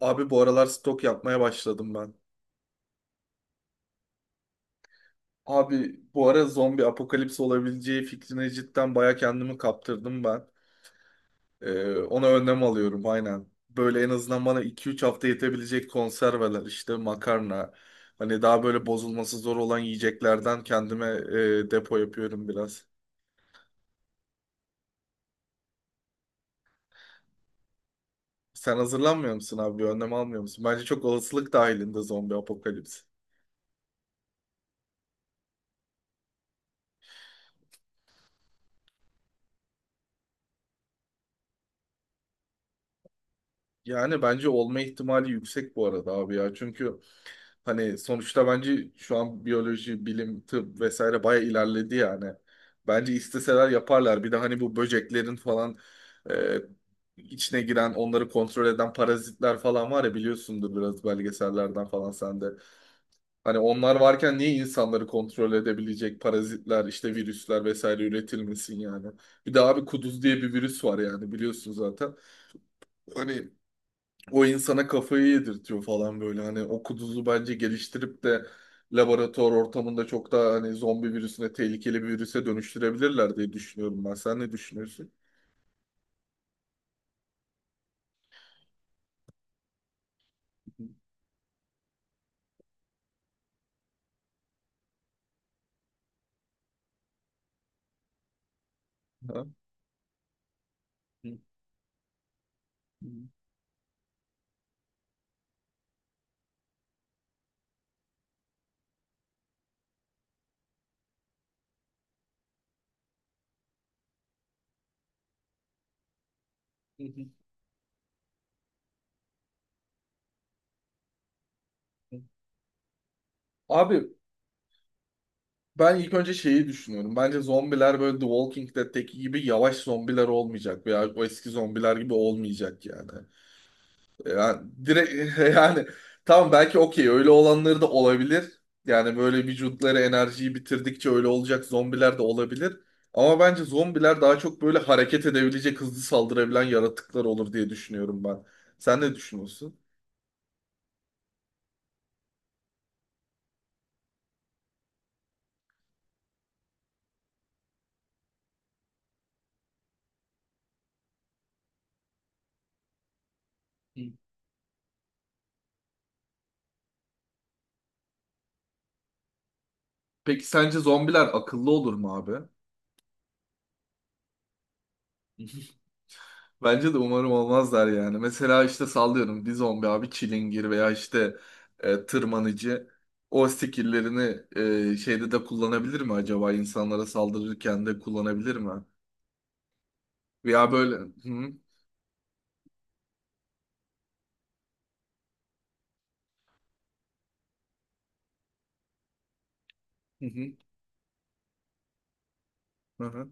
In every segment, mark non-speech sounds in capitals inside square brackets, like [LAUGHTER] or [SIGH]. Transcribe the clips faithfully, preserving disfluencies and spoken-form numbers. Abi bu aralar stok yapmaya başladım ben. Abi bu ara zombi apokalips olabileceği fikrine cidden baya kendimi kaptırdım ben. Ee, ona önlem alıyorum aynen. Böyle en azından bana iki üç hafta yetebilecek konserveler işte makarna. Hani daha böyle bozulması zor olan yiyeceklerden kendime e, depo yapıyorum biraz. Sen hazırlanmıyor musun abi? Bir önlem almıyor musun? Bence çok olasılık dahilinde zombi apokalips. Yani bence olma ihtimali yüksek bu arada abi ya. Çünkü hani sonuçta bence şu an biyoloji, bilim, tıp vesaire baya ilerledi yani. Bence isteseler yaparlar. Bir de hani bu böceklerin falan e, içine giren, onları kontrol eden parazitler falan var ya biliyorsundur biraz belgesellerden falan sen de. Hani onlar varken niye insanları kontrol edebilecek parazitler, işte virüsler vesaire üretilmesin yani. Bir de abi kuduz diye bir virüs var yani biliyorsun zaten. Hani o insana kafayı yedirtiyor falan böyle. Hani o kuduzu bence geliştirip de laboratuvar ortamında çok daha hani zombi virüsüne tehlikeli bir virüse dönüştürebilirler diye düşünüyorum ben. Sen ne düşünüyorsun? [LAUGHS] Ha? Abi ben ilk önce şeyi düşünüyorum. Bence zombiler böyle The Walking Dead'teki gibi yavaş zombiler olmayacak veya o eski zombiler gibi olmayacak yani. Yani direkt [LAUGHS] yani tamam belki okey öyle olanları da olabilir. Yani böyle vücutları enerjiyi bitirdikçe öyle olacak zombiler de olabilir. Ama bence zombiler daha çok böyle hareket edebilecek, hızlı saldırabilen yaratıklar olur diye düşünüyorum ben. Sen ne düşünüyorsun? Hı. Peki sence zombiler akıllı olur mu abi? [LAUGHS] Bence de umarım olmazlar yani. Mesela işte sallıyorum bir zombi abi çilingir veya işte e, tırmanıcı o skill'lerini e, şeyde de kullanabilir mi acaba insanlara saldırırken de kullanabilir mi? Veya böyle hı hı, hı hı,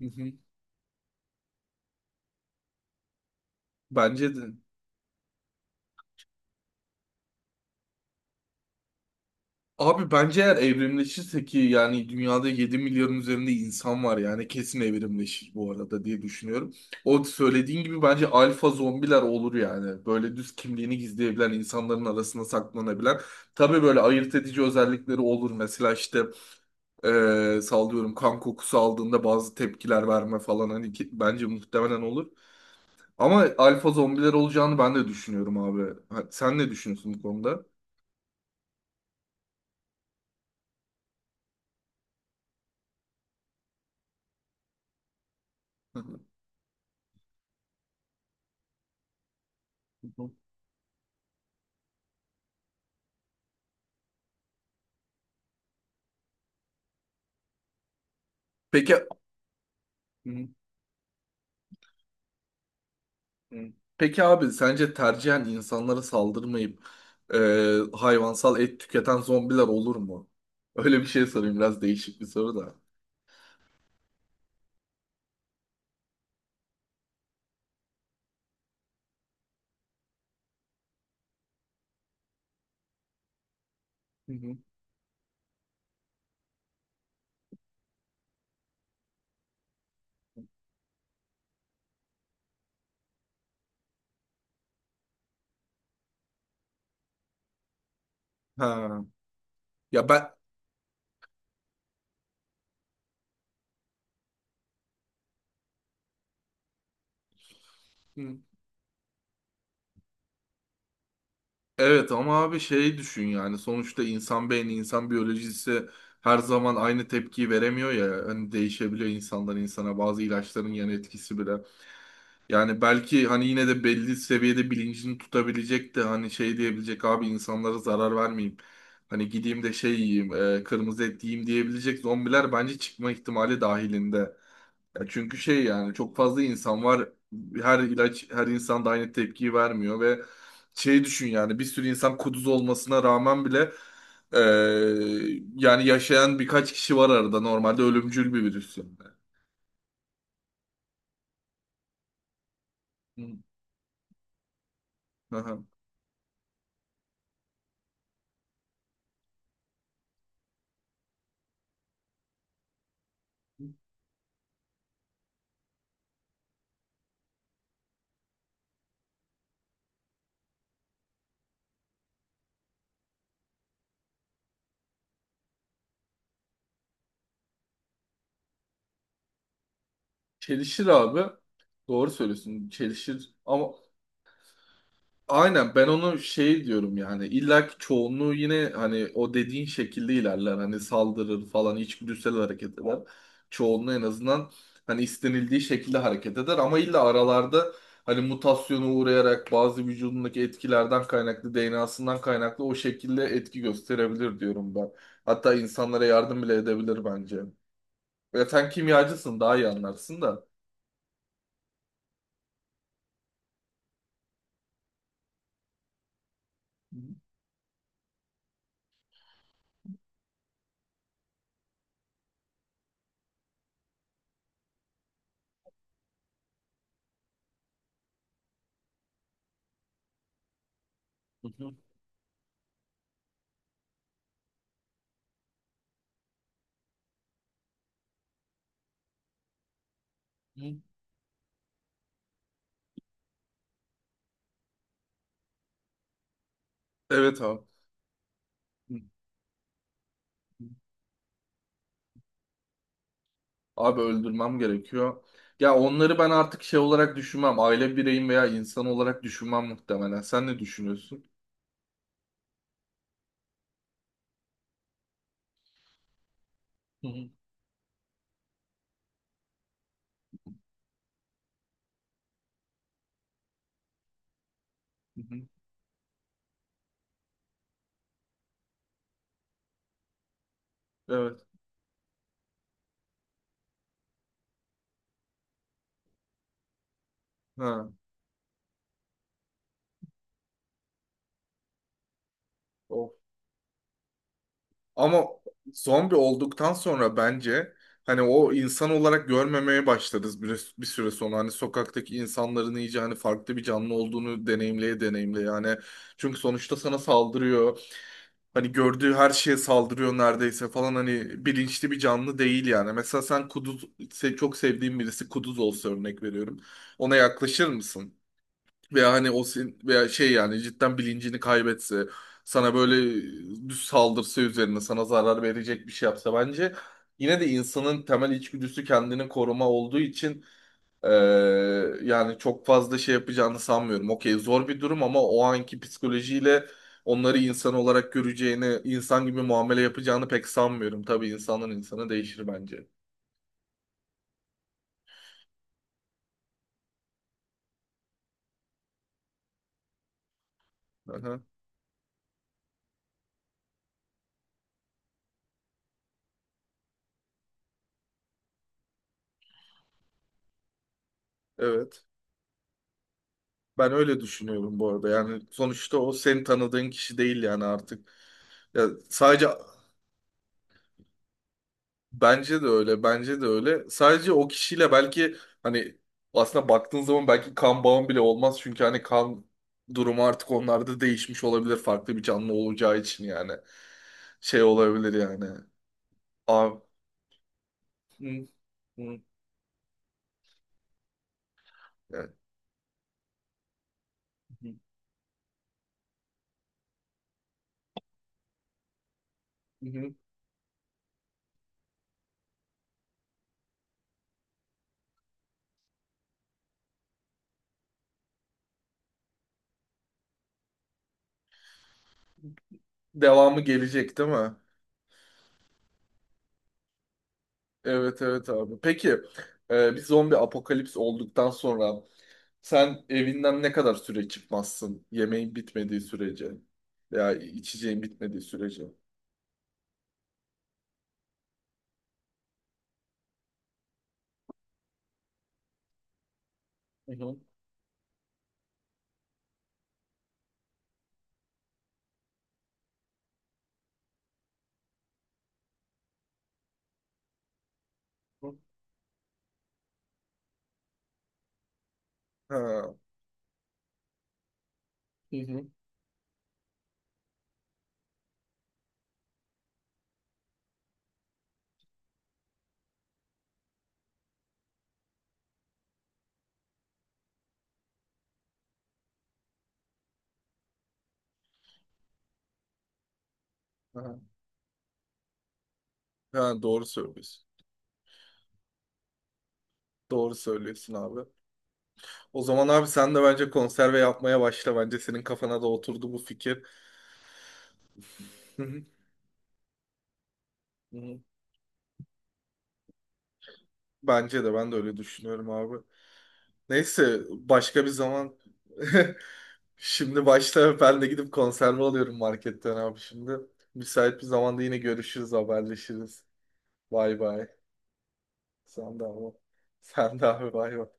hı. Hı. Bence de. Abi bence eğer evrimleşirse ki yani dünyada yedi milyarın üzerinde insan var yani kesin evrimleşir bu arada diye düşünüyorum. O söylediğin gibi bence alfa zombiler olur yani. Böyle düz kimliğini gizleyebilen, insanların arasında saklanabilen. Tabii böyle ayırt edici özellikleri olur. Mesela işte eee, sallıyorum kan kokusu aldığında bazı tepkiler verme falan hani ki- bence muhtemelen olur. Ama alfa zombiler olacağını ben de düşünüyorum abi. Ha, sen ne düşünüyorsun bu konuda? [LAUGHS] Peki. Hı. Peki abi sence tercihen insanlara saldırmayıp e, hayvansal et tüketen zombiler olur mu? Öyle bir şey sorayım biraz değişik bir soru da. Hı hı. Ha. Ya ben. Hı. Evet ama abi şey düşün yani sonuçta insan beyni, insan biyolojisi her zaman aynı tepkiyi veremiyor ya. Hani değişebiliyor insandan insana bazı ilaçların yan etkisi bile. Yani belki hani yine de belli seviyede bilincini tutabilecek de hani şey diyebilecek abi insanlara zarar vermeyeyim. Hani gideyim de şey yiyeyim, e, kırmızı et yiyeyim diyebilecek zombiler bence çıkma ihtimali dahilinde. Ya çünkü şey yani çok fazla insan var. Her ilaç her insan da aynı tepkiyi vermiyor ve şeyi düşün yani bir sürü insan kuduz olmasına rağmen bile e, yani yaşayan birkaç kişi var arada normalde ölümcül bir virüs yani. Hı. Aha. Çelişir abi. Doğru söylüyorsun. Çelişir ama. Aynen ben onu şey diyorum yani illa ki çoğunluğu yine hani o dediğin şekilde ilerler hani saldırır falan içgüdüsel hareket eder. Çoğunluğu en azından hani istenildiği şekilde hareket eder ama illa aralarda hani mutasyona uğrayarak bazı vücudundaki etkilerden kaynaklı D N A'sından kaynaklı o şekilde etki gösterebilir diyorum ben. Hatta insanlara yardım bile edebilir bence. Ya sen kimyacısın daha iyi anlarsın da. Hı hı. Evet abi. Abi öldürmem gerekiyor. Ya onları ben artık şey olarak düşünmem. Aile bireyim veya insan olarak düşünmem muhtemelen. Sen ne düşünüyorsun? Hı hı. Hı hı. Evet. Ha. O. Ama zombi olduktan sonra bence hani o insan olarak görmemeye başlarız bir, bir süre sonra. Hani sokaktaki insanların iyice hani farklı bir canlı olduğunu deneyimleye deneyimle, yani çünkü sonuçta sana saldırıyor. Hani gördüğü her şeye saldırıyor neredeyse falan hani bilinçli bir canlı değil yani. Mesela sen kuduz se- çok sevdiğin birisi kuduz olsa örnek veriyorum. Ona yaklaşır mısın? Veya hani o sen- veya şey yani cidden bilincini kaybetse sana böyle düz saldırsa üzerine sana zarar verecek bir şey yapsa bence yine de insanın temel içgüdüsü kendini koruma olduğu için ee, yani çok fazla şey yapacağını sanmıyorum. Okey zor bir durum ama o anki psikolojiyle onları insan olarak göreceğini, insan gibi muamele yapacağını pek sanmıyorum. Tabii insanın insana değişir bence. Aha, evet. Ben öyle düşünüyorum bu arada. Yani sonuçta o seni tanıdığın kişi değil yani artık. Ya sadece. Bence de öyle, bence de öyle. Sadece o kişiyle belki hani aslında baktığın zaman belki kan bağın bile olmaz. Çünkü hani kan durumu artık onlarda değişmiş olabilir. Farklı bir canlı olacağı için yani. Şey olabilir yani. Aa, hı, hı, evet, hı, hı. Devamı gelecek değil mi? Evet evet abi. Peki e, bir zombi apokalips olduktan sonra sen evinden ne kadar süre çıkmazsın? Yemeğin bitmediği sürece veya içeceğin bitmediği sürece. Hı hı. Ha. Hı hı. Aha. Ha, doğru söylüyorsun. Doğru söylüyorsun abi. O zaman abi sen de bence konserve yapmaya başla. Bence senin kafana da oturdu bu fikir. Hı hı. Hı hı. Bence de ben de öyle düşünüyorum abi. Neyse başka bir zaman. [LAUGHS] Şimdi başta ben de gidip konserve alıyorum marketten abi şimdi. Müsait bir zamanda yine görüşürüz, haberleşiriz. Bay bay. Sen de abi. Sen de abi bay bay.